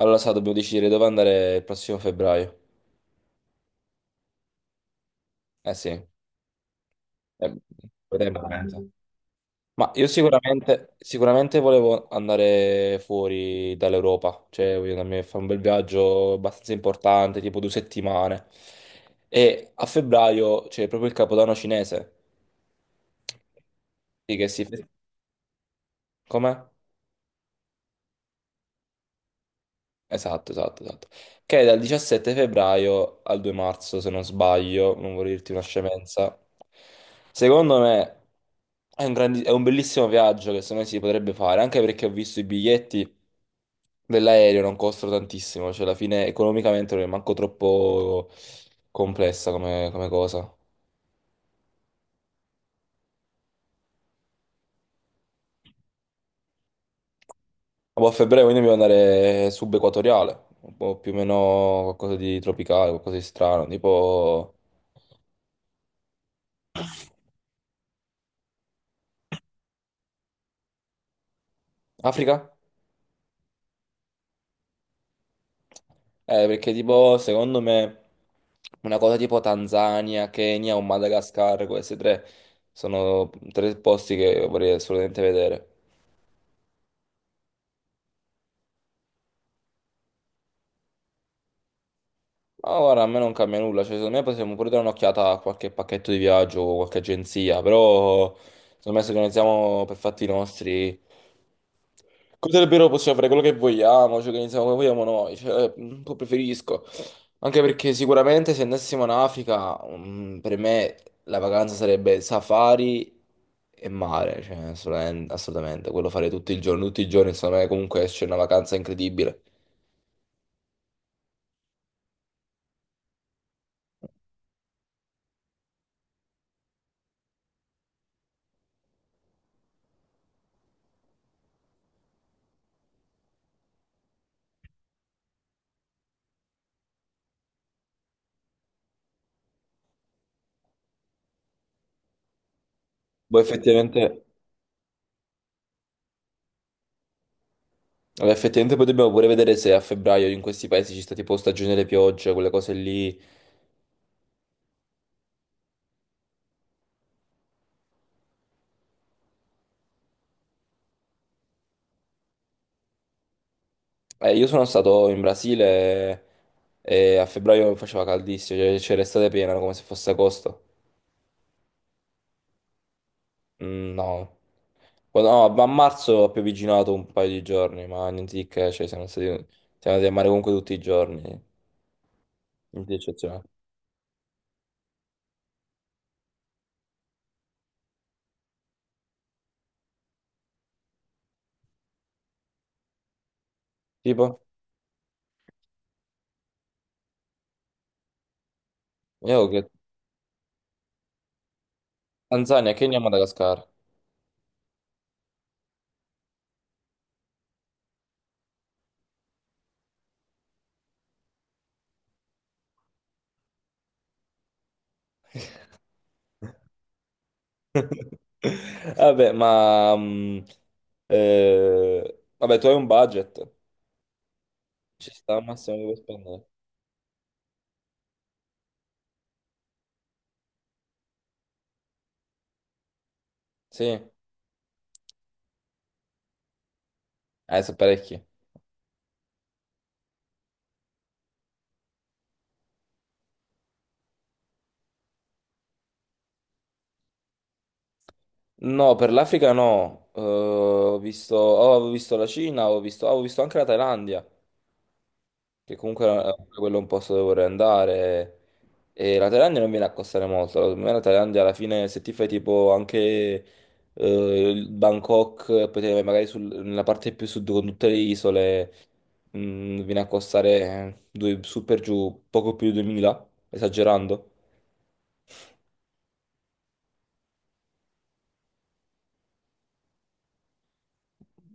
Allora, sa, dobbiamo decidere dove andare il prossimo febbraio. Eh sì, vedremo veramente. Ma io sicuramente, sicuramente volevo andare fuori dall'Europa, cioè voglio andarmi a fare un bel viaggio abbastanza importante, tipo due settimane. E a febbraio c'è proprio il Capodanno cinese, sì, che si... Come? Esatto, esatto, esatto. Che è dal 17 febbraio al 2 marzo, se non sbaglio, non vorrei dirti una scemenza. Secondo me è un, è un bellissimo viaggio che secondo me si potrebbe fare, anche perché ho visto i biglietti dell'aereo, non costano tantissimo, cioè alla fine economicamente non è manco troppo complessa come, come cosa. Ma poi a febbraio quindi dobbiamo andare subequatoriale, un po' più o meno qualcosa di tropicale, qualcosa di strano, tipo Africa? Perché tipo, secondo me, una cosa tipo Tanzania, Kenya o Madagascar, queste tre sono tre posti che vorrei assolutamente vedere. Ma guarda, a me non cambia nulla, cioè secondo me possiamo pure dare un'occhiata a qualche pacchetto di viaggio o qualche agenzia, però secondo me se organizziamo per fatti nostri, cosa davvero possiamo fare quello che vogliamo, ci organizziamo come vogliamo noi, cioè, un po' preferisco, anche perché sicuramente se andassimo in Africa, per me la vacanza sarebbe safari e mare, cioè assolutamente, assolutamente, quello fare tutto il giorno, tutti i giorni, secondo me comunque esce una vacanza incredibile. Poi effettivamente... Allora, effettivamente poi dobbiamo pure vedere se a febbraio in questi paesi ci sta tipo stagione delle piogge, quelle cose lì. Io sono stato in Brasile e a febbraio faceva caldissimo, cioè c'era estate piena come se fosse agosto. Mm, no. Oh, no, ma a marzo ho pioviginato un paio di giorni, ma niente di che, cioè siamo andati a mare comunque tutti i giorni, niente di eccezionale. Tipo, io che Tanzania, Kenya, Madagascar. Vabbè, ma vabbè, tu hai un budget, ci sta al massimo che puoi spendere. Sì, adesso parecchi. No, per l'Africa no. Ho visto, oh, avevo visto la Cina, ho visto, avevo visto anche la Thailandia, che comunque è quello è un posto dove vorrei andare. E la Thailandia non viene a costare molto. Secondo me la Thailandia alla fine, se ti fai tipo anche il Bangkok, poi te ne vai nella parte più sud con tutte le isole, viene a costare due, su per giù poco più di 2000, esagerando.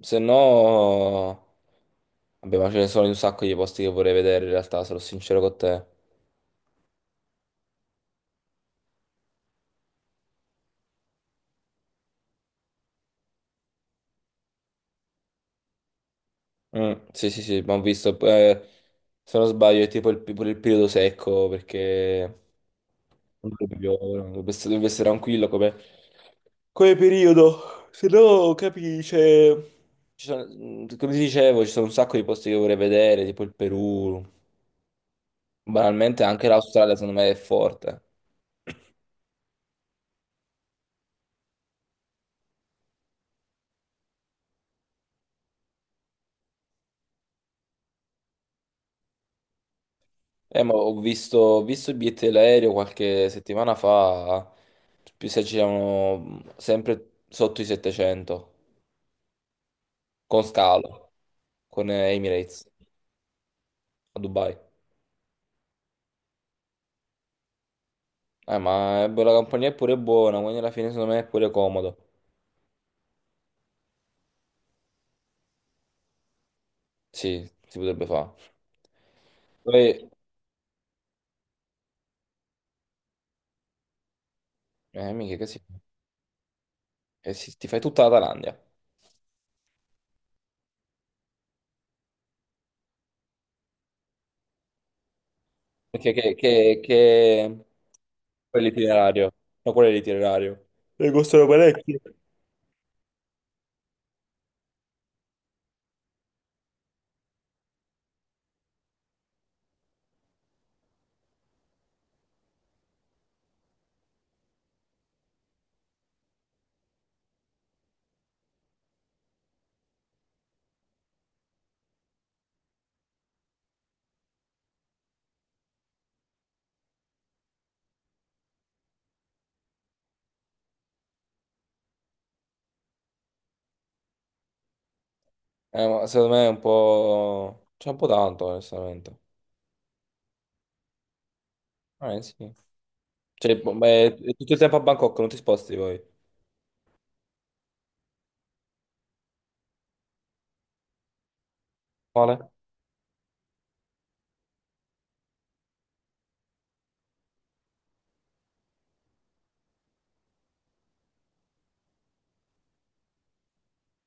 Se no, vabbè, ma ce ne sono un sacco di posti che vorrei vedere in realtà, sarò sincero con te. Mm, sì, sì, sì, ma ho visto, se non sbaglio, è tipo il, pure il periodo secco, perché non dovrebbe piovere, dovrebbe essere tranquillo come, come periodo, se no, capisci, cioè, come ti dicevo, ci sono un sacco di posti che vorrei vedere, tipo il Perù, banalmente anche l'Australia secondo me è forte. Ma ho visto i biglietti dell'aereo qualche settimana fa, più si aggiravano sempre sotto i 700, con scalo, con Emirates a Dubai. Ma la compagnia è pure buona, quindi alla fine secondo me è pure comodo. Sì, si potrebbe fare. Poi, mica che si... Eh, sì, ti fai tutta la Thailandia. Perché che... Quello è l'itinerario. No, quello è l'itinerario. E costano parecchio. Ma secondo me è un po'... C'è un po' tanto, onestamente. Sì. Cioè, boh, beh, è tutto il tempo a Bangkok, non ti sposti poi. Quale?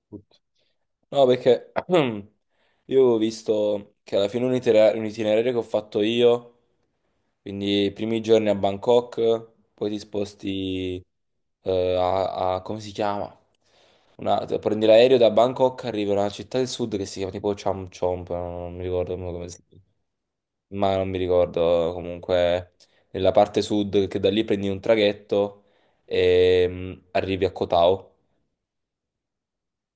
Tutto. No, perché io avevo visto che alla fine un itinerario che ho fatto io, quindi i primi giorni a Bangkok, poi ti sposti come si chiama? Prendi l'aereo da Bangkok, arrivi a una città del sud che si chiama tipo Cham Chomp, no, no, non mi ricordo come si chiama, ma non mi ricordo comunque, nella parte sud, che da lì prendi un traghetto e arrivi a Koh Tao,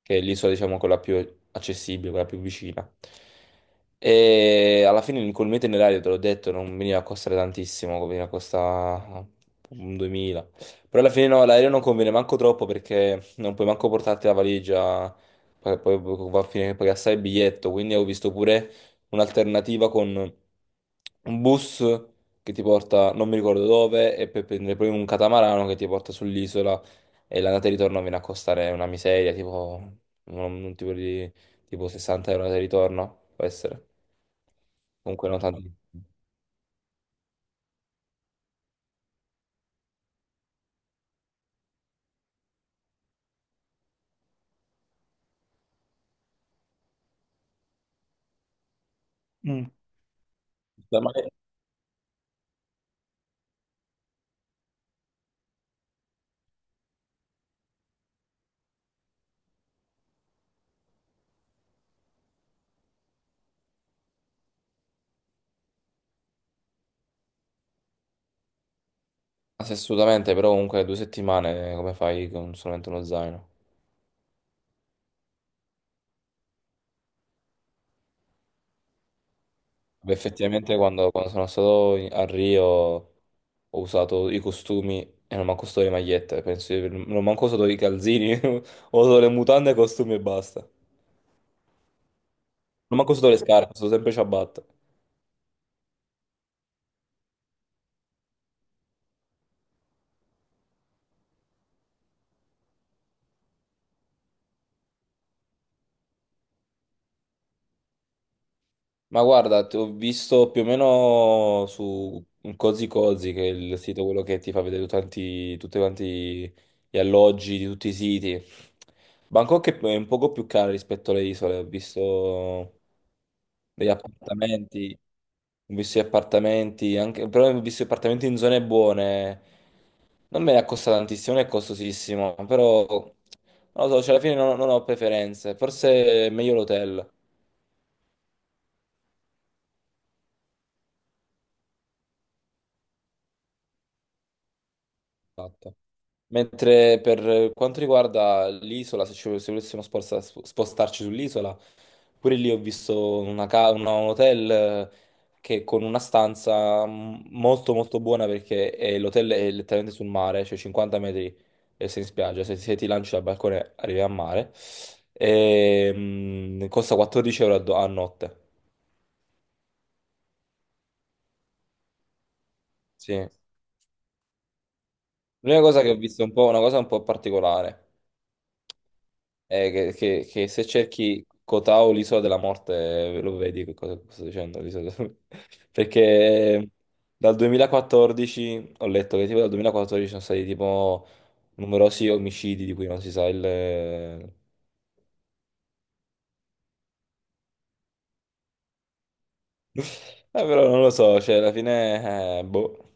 che è l'isola, diciamo, quella più accessibile, quella più vicina. E alla fine col mio itinerario, te l'ho detto, non veniva a costare tantissimo, veniva a costare un 2000. Però alla fine no, l'aereo non conviene manco troppo perché non puoi manco portarti la valigia, poi va a finire che paghi assai il biglietto, quindi ho visto pure un'alternativa con un bus che ti porta non mi ricordo dove e per prendere poi un catamarano che ti porta sull'isola e l'andata e ritorno viene a costare una miseria, tipo un, un tipo di tipo 60 € andata e ritorno, può essere. Comunque non tanto. Mm. Beh, ma- Assolutamente, però comunque due settimane come fai con solamente uno zaino? Beh, effettivamente quando sono stato a Rio ho usato i costumi e non manco solo le magliette, penso non manco solo i calzini, ho usato le mutande, i costumi e basta. Non manco solo le scarpe, sono sempre ciabatte. Ma guarda, ti ho visto più o meno su un Cozy Cozy, che è il sito quello che ti fa vedere tutti quanti gli alloggi di tutti i siti. Bangkok è un poco più cara rispetto alle isole, ho visto degli appartamenti, ho visto gli appartamenti, però ho visto gli appartamenti in zone buone. Non me ne costa tantissimo, non è costosissimo, però non lo so, cioè alla fine non ho preferenze, forse è meglio l'hotel. Mentre per quanto riguarda l'isola, se volessimo spostarci sull'isola, pure lì ho visto un hotel che con una stanza molto molto buona perché l'hotel è letteralmente sul mare, cioè 50 metri e sei in spiaggia, se ti lanci dal balcone arrivi al mare, e, costa 14 € a, a notte. Sì. L'unica cosa che ho visto è un po', una cosa un po' particolare. Che se cerchi Kotao, l'isola della morte, lo vedi che cosa sto dicendo? L'isola perché dal 2014 ho letto che tipo dal 2014 sono stati tipo numerosi omicidi di cui non si sa il... però non lo so, cioè alla fine... boh.